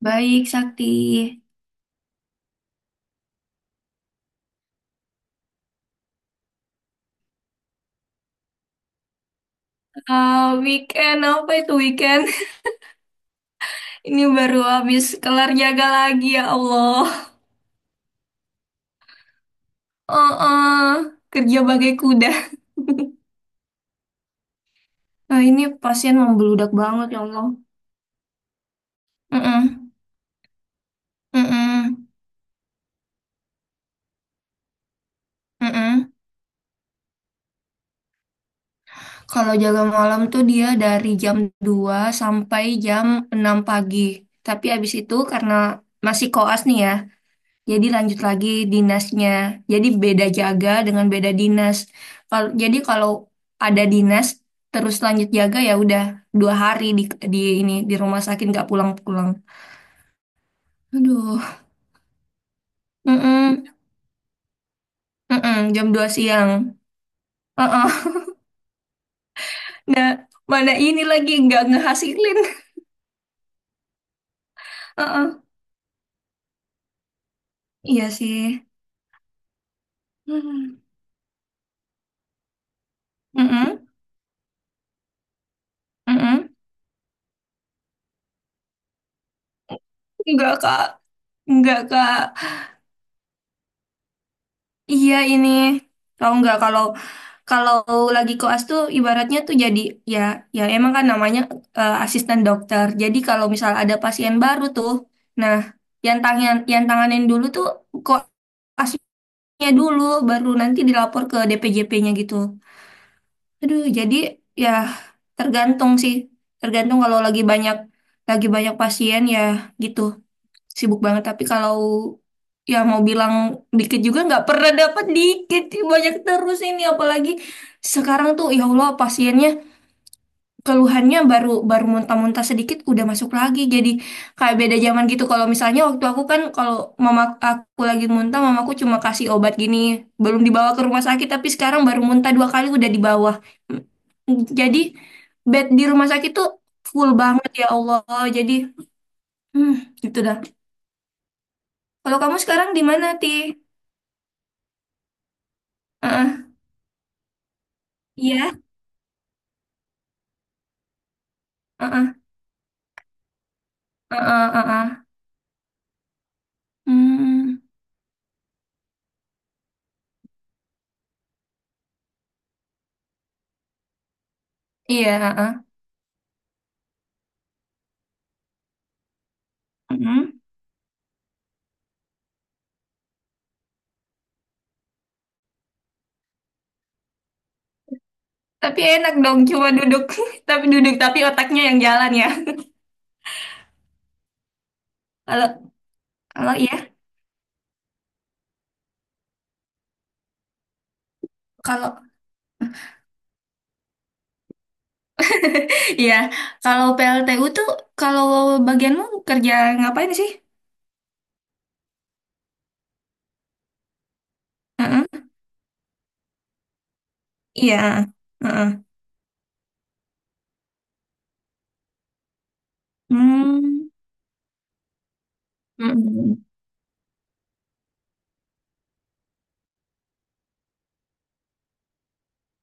Baik, Sakti. Ah, weekend apa itu weekend? Ini baru habis kelar jaga lagi ya Allah. Oh, oh, kerja bagai kuda. Nah, ini pasien membeludak banget ya Allah. Mm-mm, mm-mm, mm-mm. Kalau jaga malam tuh dia dari jam 2 sampai jam 6 pagi. Tapi abis itu karena masih koas nih ya, jadi lanjut lagi dinasnya. Jadi beda jaga dengan beda dinas. Kalau ada dinas terus lanjut jaga ya udah 2 hari di ini di rumah sakit nggak pulang-pulang. Aduh. Mm-mm. Mm-mm. Jam 2 siang. uh Nah, mana ini lagi nggak ngehasilin. uh Iya sih. Hmm. Mm-mm. Mm-mm. Nggak, Kak. Nggak, Kak. Iya ini. Tahu nggak kalau Kalau lagi koas tuh ibaratnya tuh jadi ya ya emang kan namanya asisten dokter. Jadi kalau misal ada pasien baru tuh, nah yang tanganin dulu tuh koasnya dulu, baru nanti dilapor ke DPJP-nya gitu. Aduh, jadi ya tergantung sih, tergantung kalau lagi banyak pasien ya gitu sibuk banget, tapi kalau ya mau bilang dikit juga nggak pernah dapat dikit, banyak terus. Ini apalagi sekarang tuh ya Allah, pasiennya keluhannya baru baru muntah-muntah sedikit udah masuk lagi, jadi kayak beda zaman gitu. Kalau misalnya waktu aku kan kalau mama aku lagi muntah mamaku cuma kasih obat gini, belum dibawa ke rumah sakit, tapi sekarang baru muntah 2 kali udah di bawah. Jadi bed di rumah sakit tuh full banget ya Allah, jadi hmm, gitu dah. Kalau kamu sekarang di mana, Ti? Heeh. Iya. Heeh. Heeh, heeh. Hmm. Iya, heeh. Mm-mm. Tapi enak dong cuma duduk. Tapi duduk tapi otaknya yang jalan ya. Kalau kalau iya, kalau iya, kalau PLTU tuh kalau bagianmu kerja ngapain sih? Heeh. Iya. Heeh. Hmm. Mm-mm.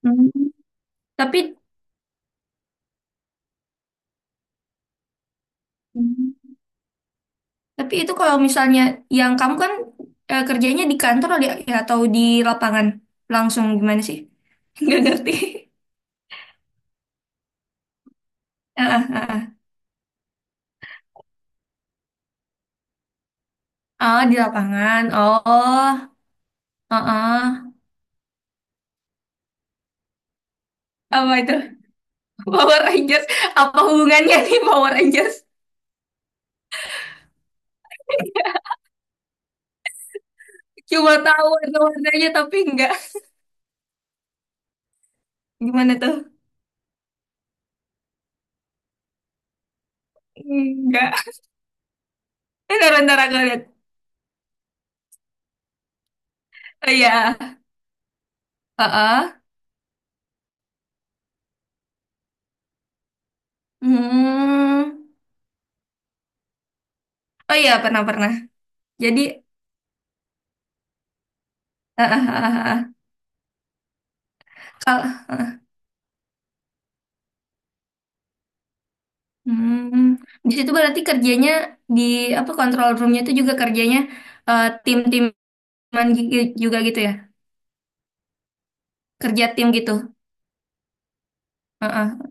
Hmm. Tapi Tapi itu kalau misalnya yang kamu kan kerjanya di kantor, di, ya, atau di lapangan langsung gimana sih? Nggak ngerti. Ah, ah, ah, ah. Oh, di lapangan. Oh, ah, ah. Apa itu? Power Rangers. Apa hubungannya nih Power Rangers? Cuma tahu warna-warnanya tapi enggak. Gimana tuh? Enggak. Bentar, bentar aku lihat. Oh iya. Ah, ah. Hmm. Oh iya, pernah-pernah. Jadi, ah, ah, ah, ah. Kalau Hmm, di situ berarti kerjanya di apa control roomnya itu juga kerjanya tim-timan juga gitu ya? Kerja tim gitu. Heeh.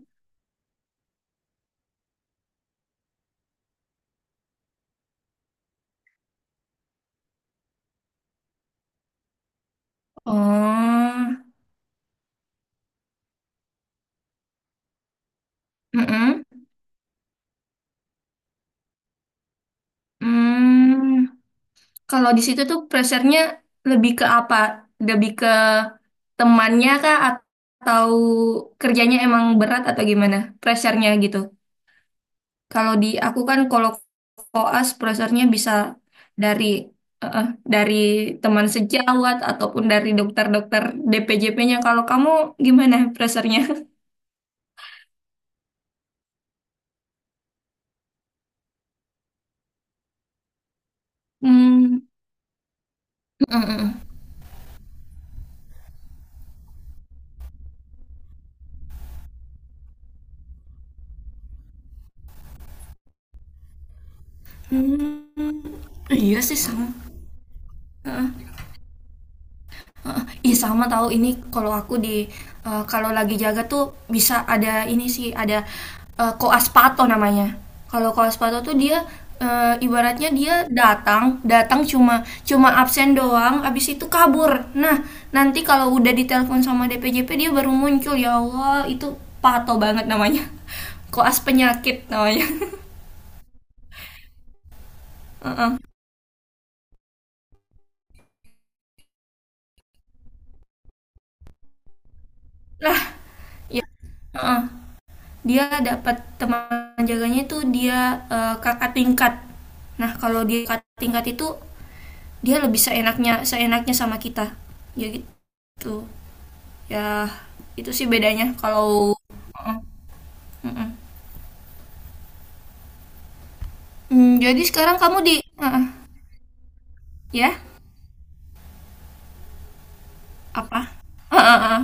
Oh, mm-mm. Hmm. Kalau di situ tuh pressure-nya lebih ke apa? Lebih ke temannya kah atau kerjanya emang berat atau gimana? Pressure-nya gitu. Kalau di aku kan kalau koas browsernya bisa dari eh, eh, dari teman sejawat ataupun dari dokter-dokter DPJP-nya. Kalau kamu gimana browsernya? Hmm, mm, mm, mm. Hmm, iya sih sama. Heeh. Ih sama tahu ini, kalau aku kalau lagi jaga tuh bisa ada ini sih ada koas pato namanya. Kalau koas pato tuh dia ibaratnya dia datang datang cuma cuma absen doang, abis itu kabur. Nah nanti kalau udah ditelepon sama DPJP dia baru muncul ya Allah, itu pato banget namanya. Koas penyakit namanya. Heeh. Lah ya. Heeh. Dia dapat teman jaganya itu dia kakak tingkat, nah kalau dia kakak tingkat itu dia lebih seenaknya seenaknya sama kita, ya gitu, ya itu sih bedanya Mm, mm-mm. Jadi sekarang kamu di ya apa. Eh, eh, eh.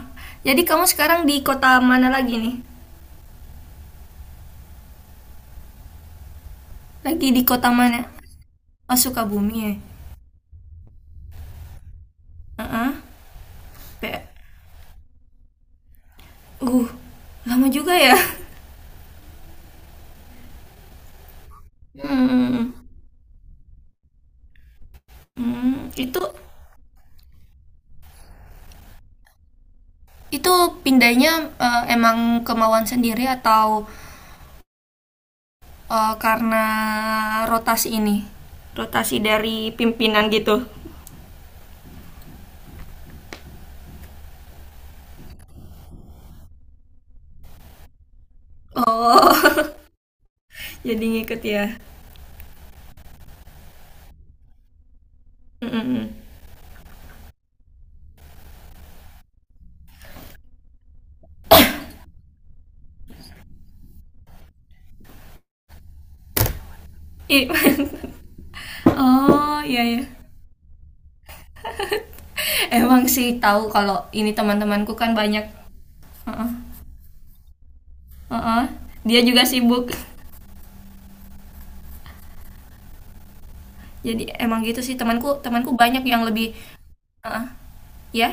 Jadi kamu sekarang di kota mana lagi nih, lagi di kota mana, oh, Sukabumi ya. Pe- uh Lama juga ya. Hmm, hmm, itu. Itu pindahnya emang kemauan sendiri atau karena rotasi ini? Rotasi dari pimpinan gitu. Oh, jadi ngikut ya. Mm-mm. i- oh iya ya. Emang sih tahu kalau ini teman-temanku kan banyak. Heeh, heeh. Dia juga sibuk. Jadi emang gitu sih temanku temanku banyak yang lebih heeh. Ya.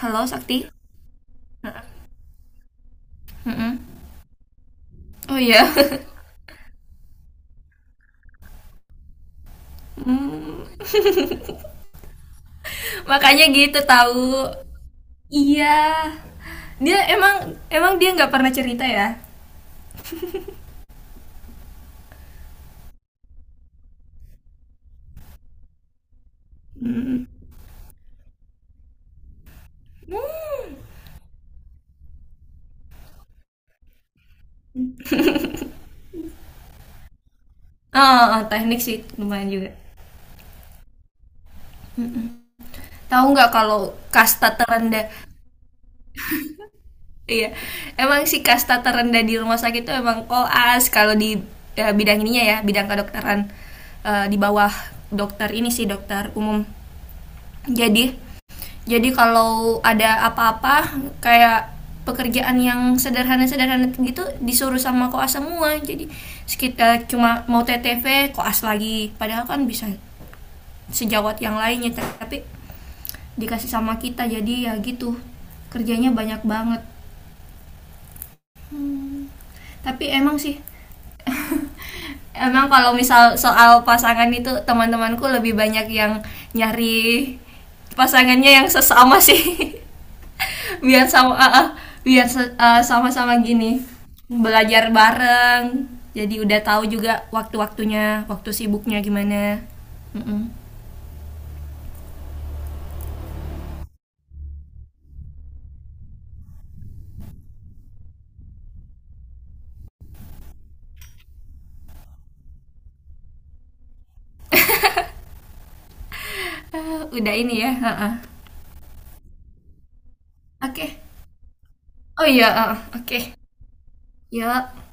Halo Sakti. Heeh. Mm-mm. Oh iya. Makanya gitu tahu. Iya. Dia emang emang dia nggak pernah cerita ya. Ah, ah, ah, teknik sih lumayan juga. Tahu nggak kalau kasta terendah? Iya. Emang si kasta terendah di rumah sakit itu emang koas, kalau di ya, bidang ininya ya, bidang kedokteran di bawah dokter ini sih dokter umum. Jadi Jadi kalau ada apa-apa kayak pekerjaan yang sederhana-sederhana gitu disuruh sama koas semua. Jadi sekitar cuma mau TTV koas lagi. Padahal kan bisa sejawat yang lainnya tapi dikasih sama kita jadi ya gitu kerjanya banyak banget, tapi emang sih emang kalau misal soal pasangan itu teman-temanku lebih banyak yang nyari pasangannya yang sesama sih, biar sama ah, ah, biar sama-sama gini belajar bareng jadi udah tahu juga waktu-waktunya waktu sibuknya gimana. Mm-mm. Ah, udah ini ya ah, ah. Oke okay. Oh iya ah, ah, oke okay. Ya.